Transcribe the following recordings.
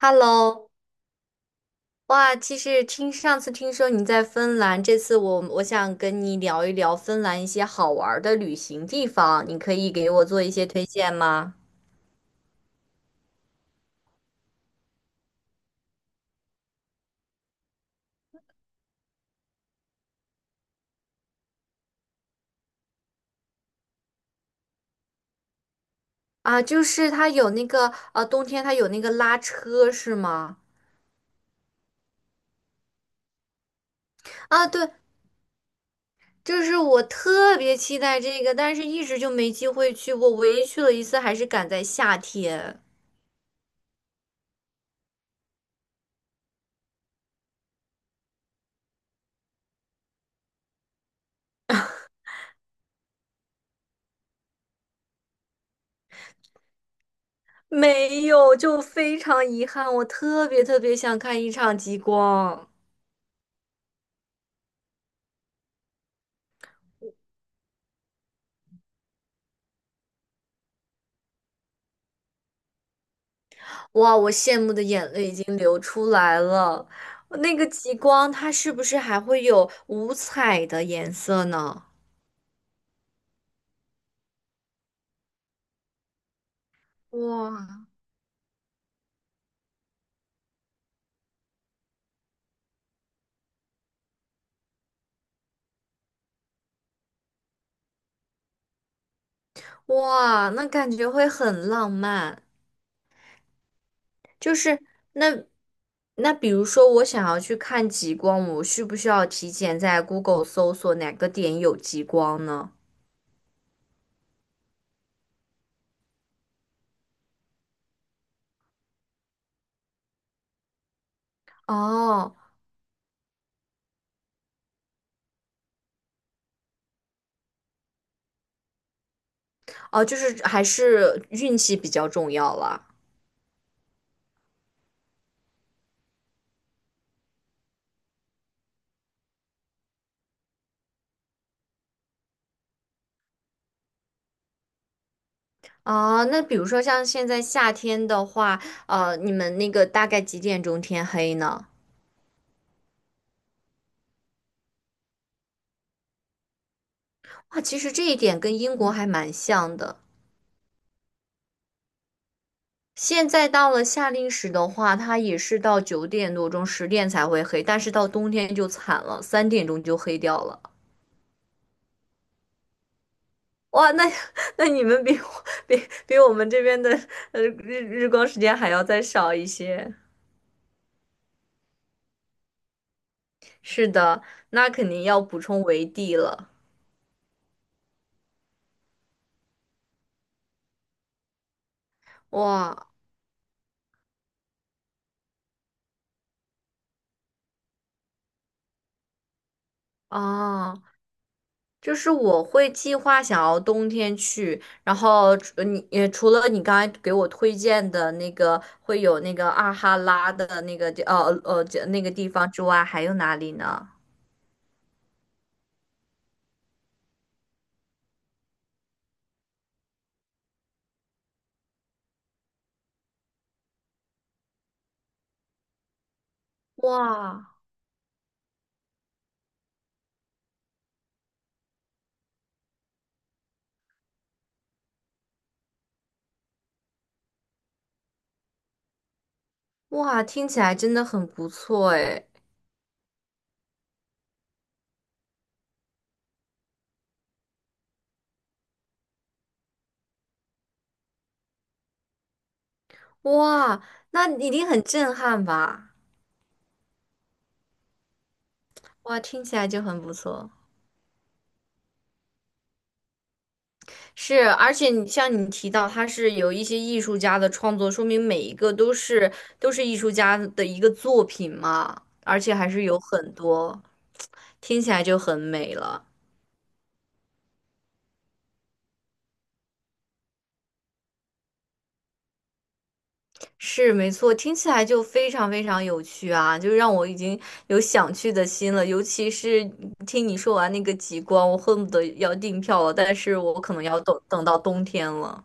Hello，哇，其实上次听说你在芬兰，这次我想跟你聊一聊芬兰一些好玩儿的旅行地方，你可以给我做一些推荐吗？啊，就是它有那个冬天它有那个拉车是吗？啊，对，就是我特别期待这个，但是一直就没机会去过，唯一去了一次还是赶在夏天。没有，就非常遗憾，我特别特别想看一场极光。哇，我羡慕的眼泪已经流出来了。那个极光，它是不是还会有五彩的颜色呢？哇，哇，那感觉会很浪漫。就是那那，比如说我想要去看极光，我需不需要提前在 Google 搜索哪个点有极光呢？哦，哦，就是还是运气比较重要啦。啊，那比如说像现在夏天的话，你们那个大概几点钟天黑呢？啊，其实这一点跟英国还蛮像的。现在到了夏令时的话，它也是到9点多钟、10点才会黑，但是到冬天就惨了，三点钟就黑掉了。哇，那 那你们比我们这边的日光时间还要再少一些。是的，那肯定要补充维 D 了。哇啊！哦，就是我会计划想要冬天去，然后除了你刚才给我推荐的那个会有那个阿哈拉的那个地呃呃这那个地方之外，还有哪里呢？哇哇，听起来真的很不错诶！哇，那一定很震撼吧？哇，听起来就很不错。是，而且你像你提到，它是有一些艺术家的创作，说明每一个都是艺术家的一个作品嘛，而且还是有很多，听起来就很美了。是，没错，听起来就非常非常有趣啊，就让我已经有想去的心了。尤其是听你说完那个极光，我恨不得要订票了，但是我可能要等等到冬天了。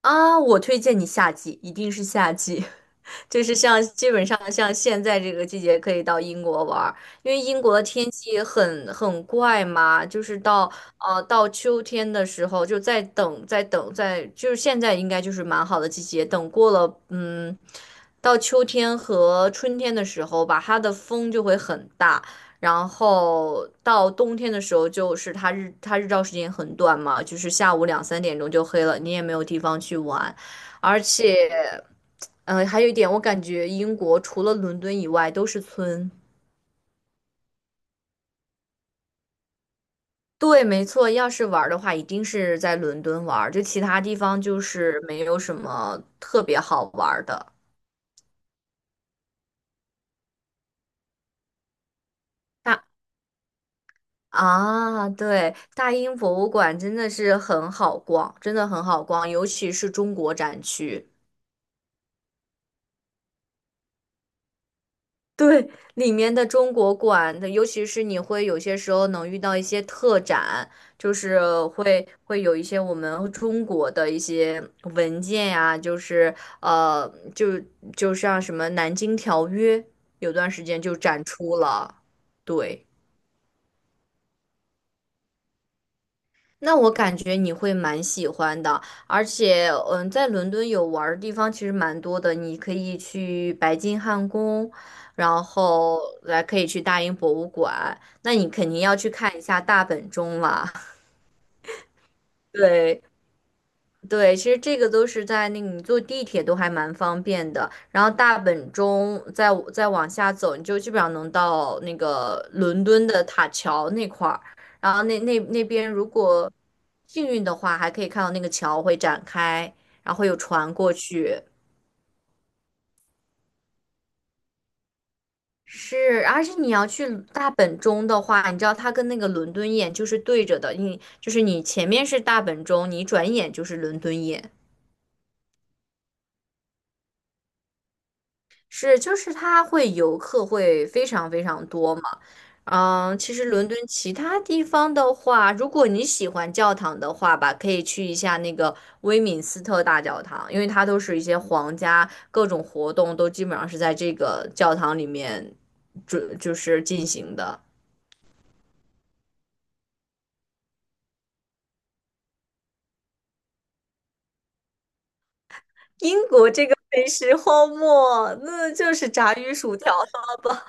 啊，我推荐你夏季，一定是夏季。就是像基本上像现在这个季节可以到英国玩儿，因为英国的天气很怪嘛，就是到秋天的时候就在等在等在，就是现在应该就是蛮好的季节，等过了到秋天和春天的时候吧，它的风就会很大。然后到冬天的时候，就是它日照时间很短嘛，就是下午2、3点钟就黑了，你也没有地方去玩。而且，还有一点，我感觉英国除了伦敦以外都是村。对，没错，要是玩儿的话，一定是在伦敦玩儿，就其他地方就是没有什么特别好玩儿的。大啊，对，大英博物馆真的是很好逛，真的很好逛，尤其是中国展区。对，里面的中国馆的，尤其是你会有些时候能遇到一些特展，就是会有一些我们中国的一些文件呀、就是就像什么《南京条约》，有段时间就展出了，对。那我感觉你会蛮喜欢的，而且，嗯，在伦敦有玩儿的地方其实蛮多的，你可以去白金汉宫，然后来可以去大英博物馆，那你肯定要去看一下大本钟啦。对，对，其实这个都是在那个你坐地铁都还蛮方便的，然后大本钟再往下走，你就基本上能到那个伦敦的塔桥那块儿，然后那边如果幸运的话，还可以看到那个桥会展开，然后会有船过去。是，而且你要去大本钟的话，你知道它跟那个伦敦眼就是对着的，你就是你前面是大本钟，你转眼就是伦敦眼。是，就是它会游客会非常非常多嘛。嗯，其实伦敦其他地方的话，如果你喜欢教堂的话吧，可以去一下那个威敏斯特大教堂，因为它都是一些皇家各种活动都基本上是在这个教堂里面就是进行的。英国这个美食荒漠，那就是炸鱼薯条了。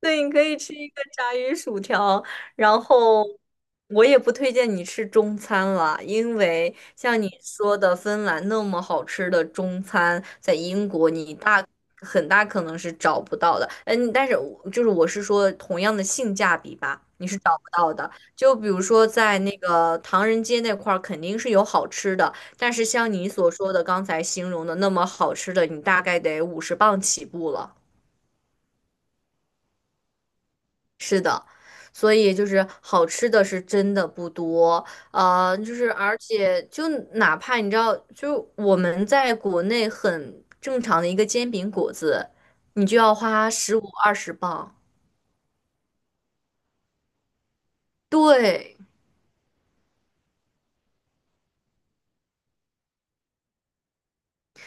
对，你可以吃一个炸鱼薯条，然后我也不推荐你吃中餐了，因为像你说的，芬兰那么好吃的中餐，在英国很大可能是找不到的。嗯，但是我是说同样的性价比吧，你是找不到的。就比如说在那个唐人街那块儿，肯定是有好吃的，但是像你所说的刚才形容的那么好吃的，你大概得50磅起步了。所以就是好吃的是真的不多，而且哪怕你知道，就我们在国内很正常的一个煎饼果子，你就要花15、20磅。对，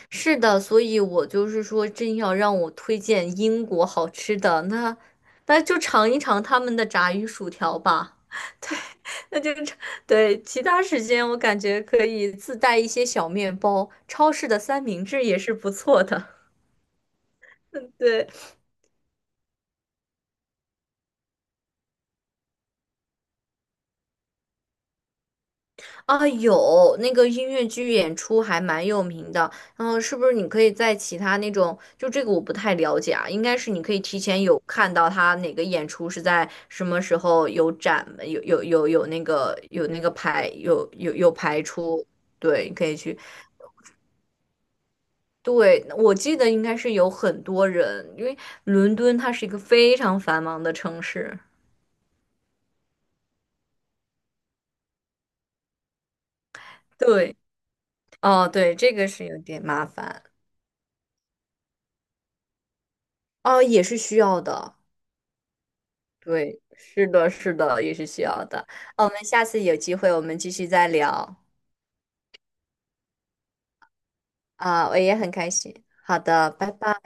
是的，所以我就是说，真要让我推荐英国好吃的，那就尝一尝他们的炸鱼薯条吧。那就尝对，其他时间我感觉可以自带一些小面包，超市的三明治也是不错的。对。啊，有那个音乐剧演出还蛮有名的，然后是不是你可以在其他那种，就这个我不太了解啊，应该是你可以提前有看到他哪个演出是在什么时候有展，有有有有那个有那个排有有有排出，对，你可以去。对，我记得应该是有很多人，因为伦敦它是一个非常繁忙的城市。对，哦，对，这个是有点麻烦，哦，也是需要的。对，是的，是的，也是需要的。啊，我们下次有机会，我们继续再聊。啊，我也很开心。好的，拜拜。